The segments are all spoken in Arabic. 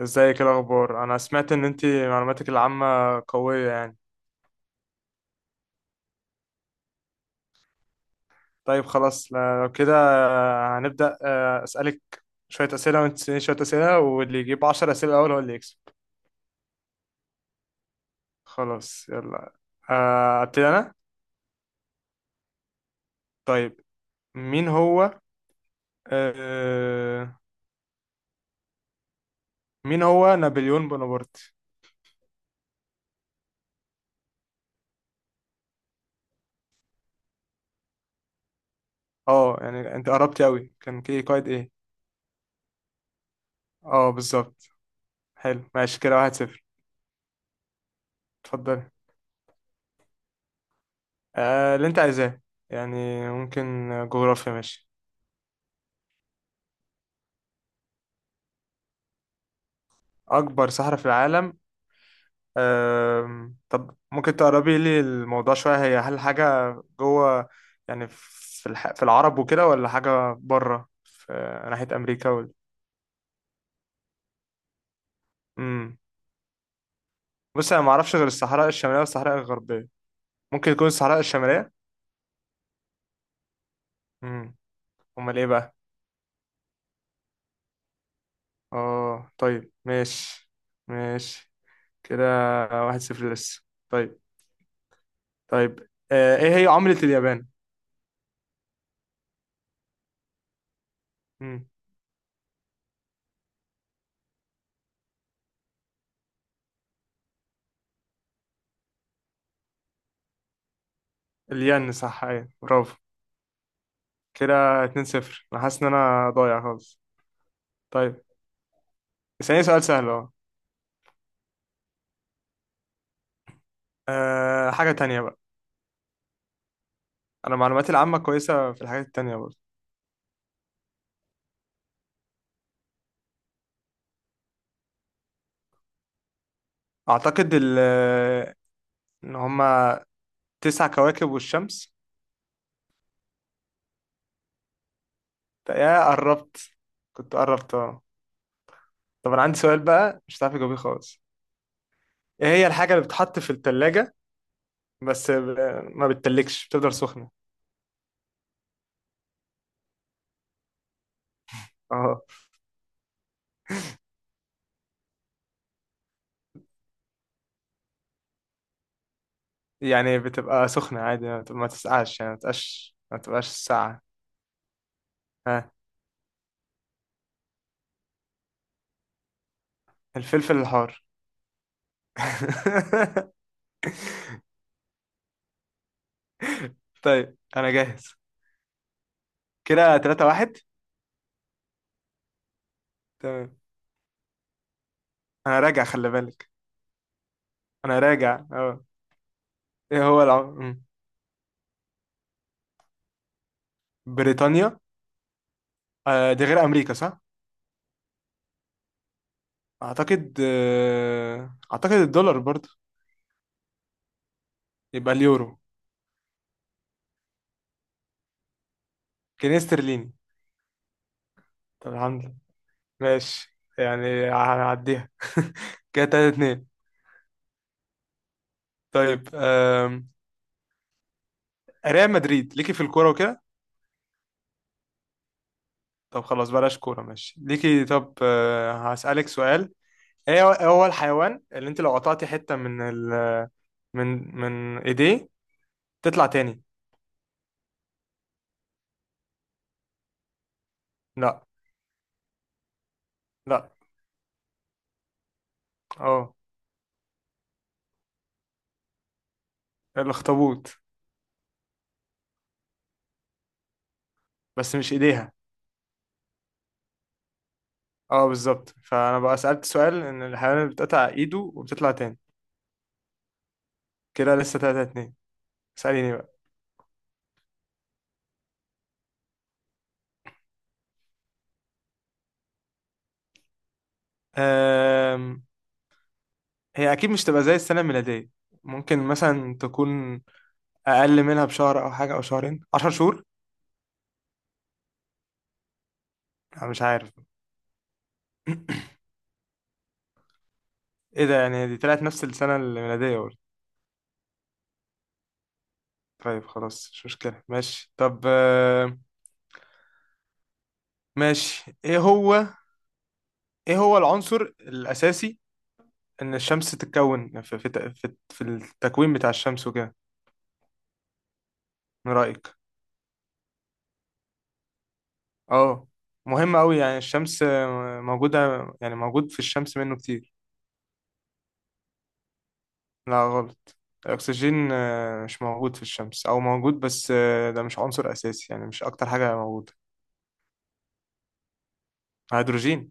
ازيك؟ إيه الاخبار؟ انا سمعت ان انت معلوماتك العامة قوية يعني. طيب، خلاص لو كده، هنبدأ، اسألك شوية اسئلة وانت تسأليني شوية اسئلة، واللي يجيب 10 اسئلة الاول هو اللي يكسب. خلاص، يلا. ابتدي انا. طيب، مين هو... آه، مين هو نابليون بونابرت؟ اه، يعني انت قربتي قوي، كان كي قائد ايه؟ اه، بالظبط. حلو، ماشي كده، 1-0. اتفضلي، اللي انت عايزاه يعني. ممكن جغرافيا، ماشي. أكبر صحراء في العالم. طب ممكن تقربي لي الموضوع شوية؟ هي هل حاجة جوه يعني في في العرب وكده، ولا حاجة بره في ناحية أمريكا وال...؟ مم. بص، أنا معرفش غير الصحراء الشمالية والصحراء الغربية. ممكن تكون الصحراء الشمالية. مم. أمال إيه بقى؟ أه، طيب ماشي. ماشي كده، واحد صفر لسه. طيب، طيب، إيه هي عملة اليابان؟ مم. الين، صح، أيوة برافو. كده 2-0. انا حاسس ان انا ضايع خالص. طيب، اسألني سؤال سهل اهو. أه، حاجة تانية بقى. انا معلوماتي العامة كويسة في الحاجات التانية برضه. اعتقد ان هما تسع كواكب والشمس. طيب، يا قربت. كنت قربت اه. طب، انا عندي سؤال بقى مش هتعرف تجاوبيه خالص. ايه هي الحاجة اللي بتتحط في التلاجة بس ما بتتلكش، بتفضل سخنة؟ اه، يعني بتبقى سخنة عادي، ما تسقعش، يعني ما تبقاش ساقعة. ها؟ الفلفل الحار. طيب، انا جاهز. كده 3 1. تمام. انا راجع، خلي بالك، انا راجع اه. ايه هو العم... مم. بريطانيا. دي غير امريكا صح؟ اعتقد الدولار برضو. يبقى اليورو. جنيه استرليني. طب، الحمد لله. ماشي، يعني هنعديها. كده 3 2. طيب، ريال مدريد ليكي في الكوره وكده؟ طب، خلاص بلاش كوره، ماشي ليكي. طب، هسألك سؤال. ايه هو إيه هو الحيوان اللي انت لو قطعتي حتة من من ايديه تطلع تاني؟ لا. لا. اه، الاخطبوط. بس مش ايديها. اه، بالظبط، فانا بقى سألت سؤال ان الحيوان اللي بتقطع ايده وبتطلع تاني. كده لسه 3-2. اسأليني بقى. أم... هي اكيد مش تبقى زي السنة الميلادية. ممكن مثلا تكون اقل منها بشهر او حاجة، او شهرين، 10 شهور. انا مش عارف. ايه ده؟ يعني دي طلعت نفس السنة الميلادية برضه! طيب خلاص، مش مشكلة، ماشي. طب، ماشي. ايه هو العنصر الاساسي ان الشمس تتكون في في التكوين بتاع الشمس وكده؟ من رايك. اه، مهم قوي، يعني الشمس موجوده، يعني موجود في الشمس منه كتير. لا، غلط. الاكسجين مش موجود في الشمس، او موجود، بس ده مش عنصر اساسي، يعني مش اكتر حاجه موجوده. هيدروجين.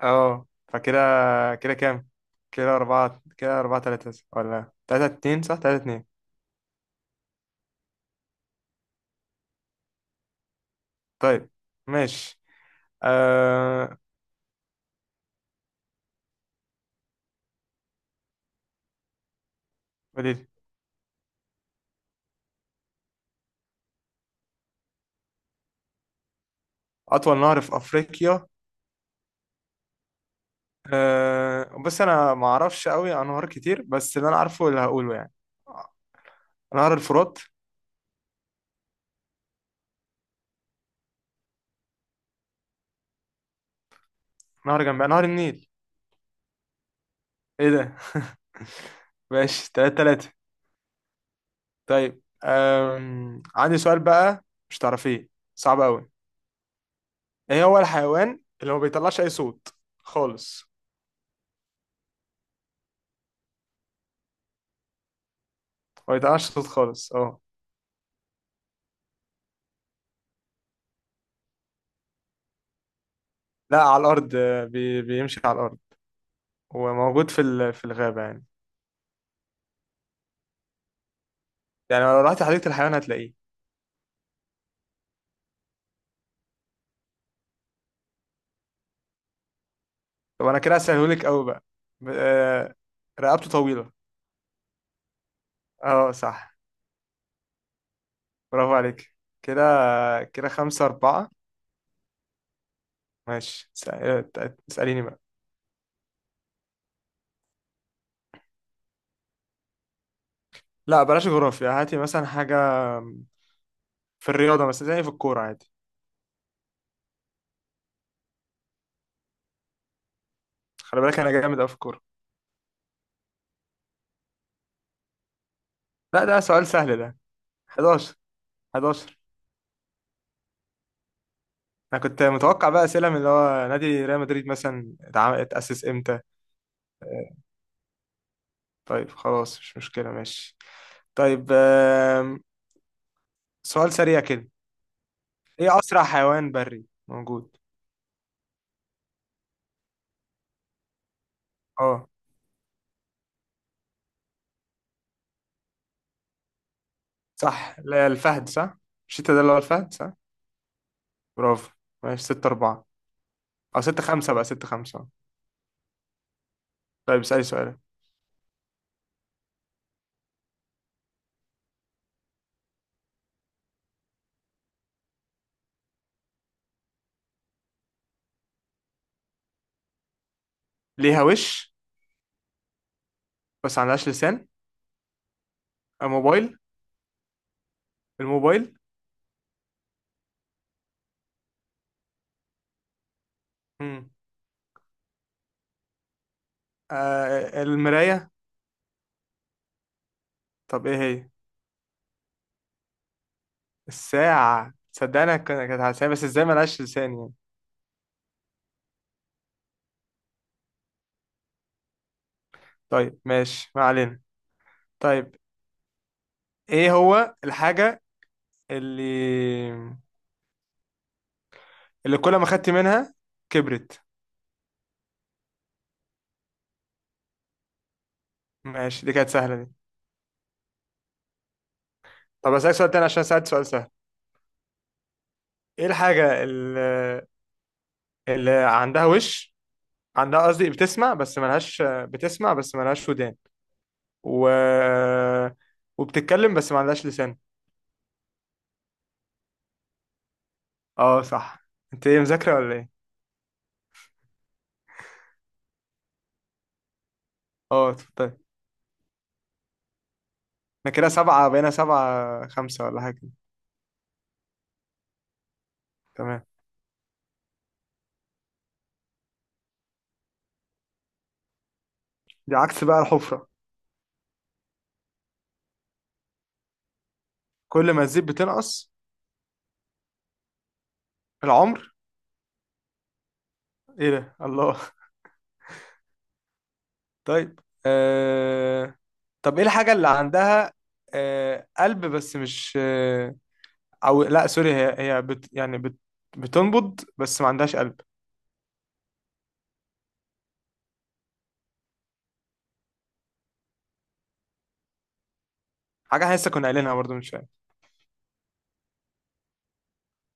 اه، فكده. كده كام؟ كده أربعة، كده 4-3 ولا 3-2؟ صح، 3-2. طيب. ماشي. آه... اطول نهر في افريقيا. أه، بس انا ما اعرفش قوي عن نهار كتير، بس اللي انا عارفه اللي هقوله يعني نهر الفرات. نهر جنب نهر النيل. ايه ده! ماشي 3-3. طيب، عندي سؤال بقى مش تعرفيه، صعب قوي. ايه هو الحيوان اللي ما بيطلعش اي صوت خالص؟ ما بيطلعش صوت خالص، اه. لا، على الارض، بيمشي على الارض وموجود في في الغابة يعني، يعني لو رحت حديقة الحيوان هتلاقيه. طب انا كده هسهلهولك قوي بقى. ب- آه، رقبته طويلة. اه، صح. برافو عليك. كده، 5-4. ماشي، اسأليني بقى. لا، بلاش جغرافيا، هاتي مثلا حاجة في الرياضة مثلا، زي في الكورة عادي. خلي بالك، أنا جامد أوي في الكورة. لا، ده سؤال سهل ده. 11. 11. أنا كنت متوقع بقى أسئلة من اللي هو نادي ريال مدريد مثلا اتأسس إمتى. آه، طيب خلاص، مش مشكلة، ماشي. طيب، سؤال سريع كده. إيه أسرع حيوان بري موجود؟ اه، صح، لا، الفهد، صح. الشتا ده اللي هو الفهد، صح. برافو. ماشي، 6-4. أو 6-5 بقى، 6-5. طيب، اسألي سؤال. ليها وش بس عندهاش لسان؟ موبايل. الموبايل. مم. المراية. طب إيه هي؟ الساعة. تصدق، أنا كانت على لساني، بس إزاي ملهاش لسان يعني؟ طيب ماشي، ما علينا. طيب، إيه هو الحاجة اللي كل ما خدت منها كبرت؟ ماشي، دي كانت سهلة دي. طب أسألك سؤال تاني عشان سألت سؤال سهل. ايه الحاجة اللي عندها، قصدي، بتسمع بس ملهاش ودان و... وبتتكلم بس ما عندهاش لسان؟ اه، صح. انت ايه، مذاكرة ولا ايه؟ اه، اتفضل. احنا كده سبعة بقينا، 7-5 ولا حاجة؟ تمام. دي عكس بقى الحفرة. كل ما تزيد بتنقص؟ العمر. ايه ده! الله. طيب، آه... طب ايه الحاجة اللي عندها قلب، بس مش، آه... او لا سوري هي بت يعني بتنبض بس ما عندهاش قلب؟ حاجه احنا لسه كنا قايلينها برضو من شويه.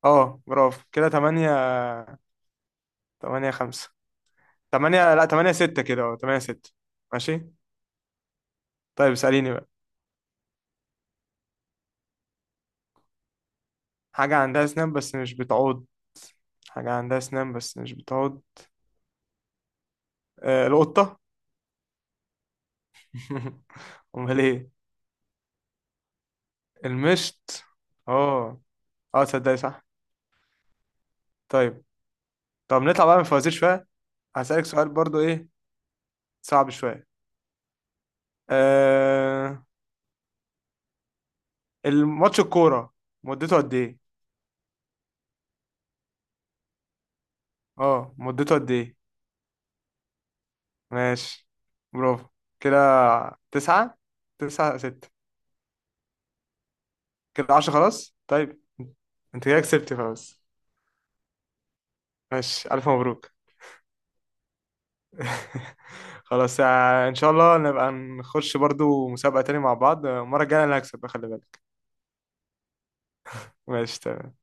اه، برافو. كده 8، 8 5، 8 لا 8 6، كده اه 8 6. ماشي. طيب، اساليني بقى. حاجه عندها اسنان بس مش بتعض. حاجه عندها اسنان بس مش بتعض. القطه؟ امال ايه؟ المشط. اه. اه، تصدقي، صح. طيب. طب نطلع بقى من الفوازير شويه. هسألك سؤال برضو، ايه، صعب شويه. آه الماتش الكوره، مدته قد ايه؟ اه، مدته قد ايه؟ ماشي، برافو. كده تسعة، 9-6. كده 10، خلاص طيب. انت كده كسبت خلاص. ماشي، ألف مبروك. خلاص، ان شاء الله نبقى نخش برضو مسابقة تاني مع بعض. المرة الجاية انا اللي هكسب، خلي بالك. ماشي تمام.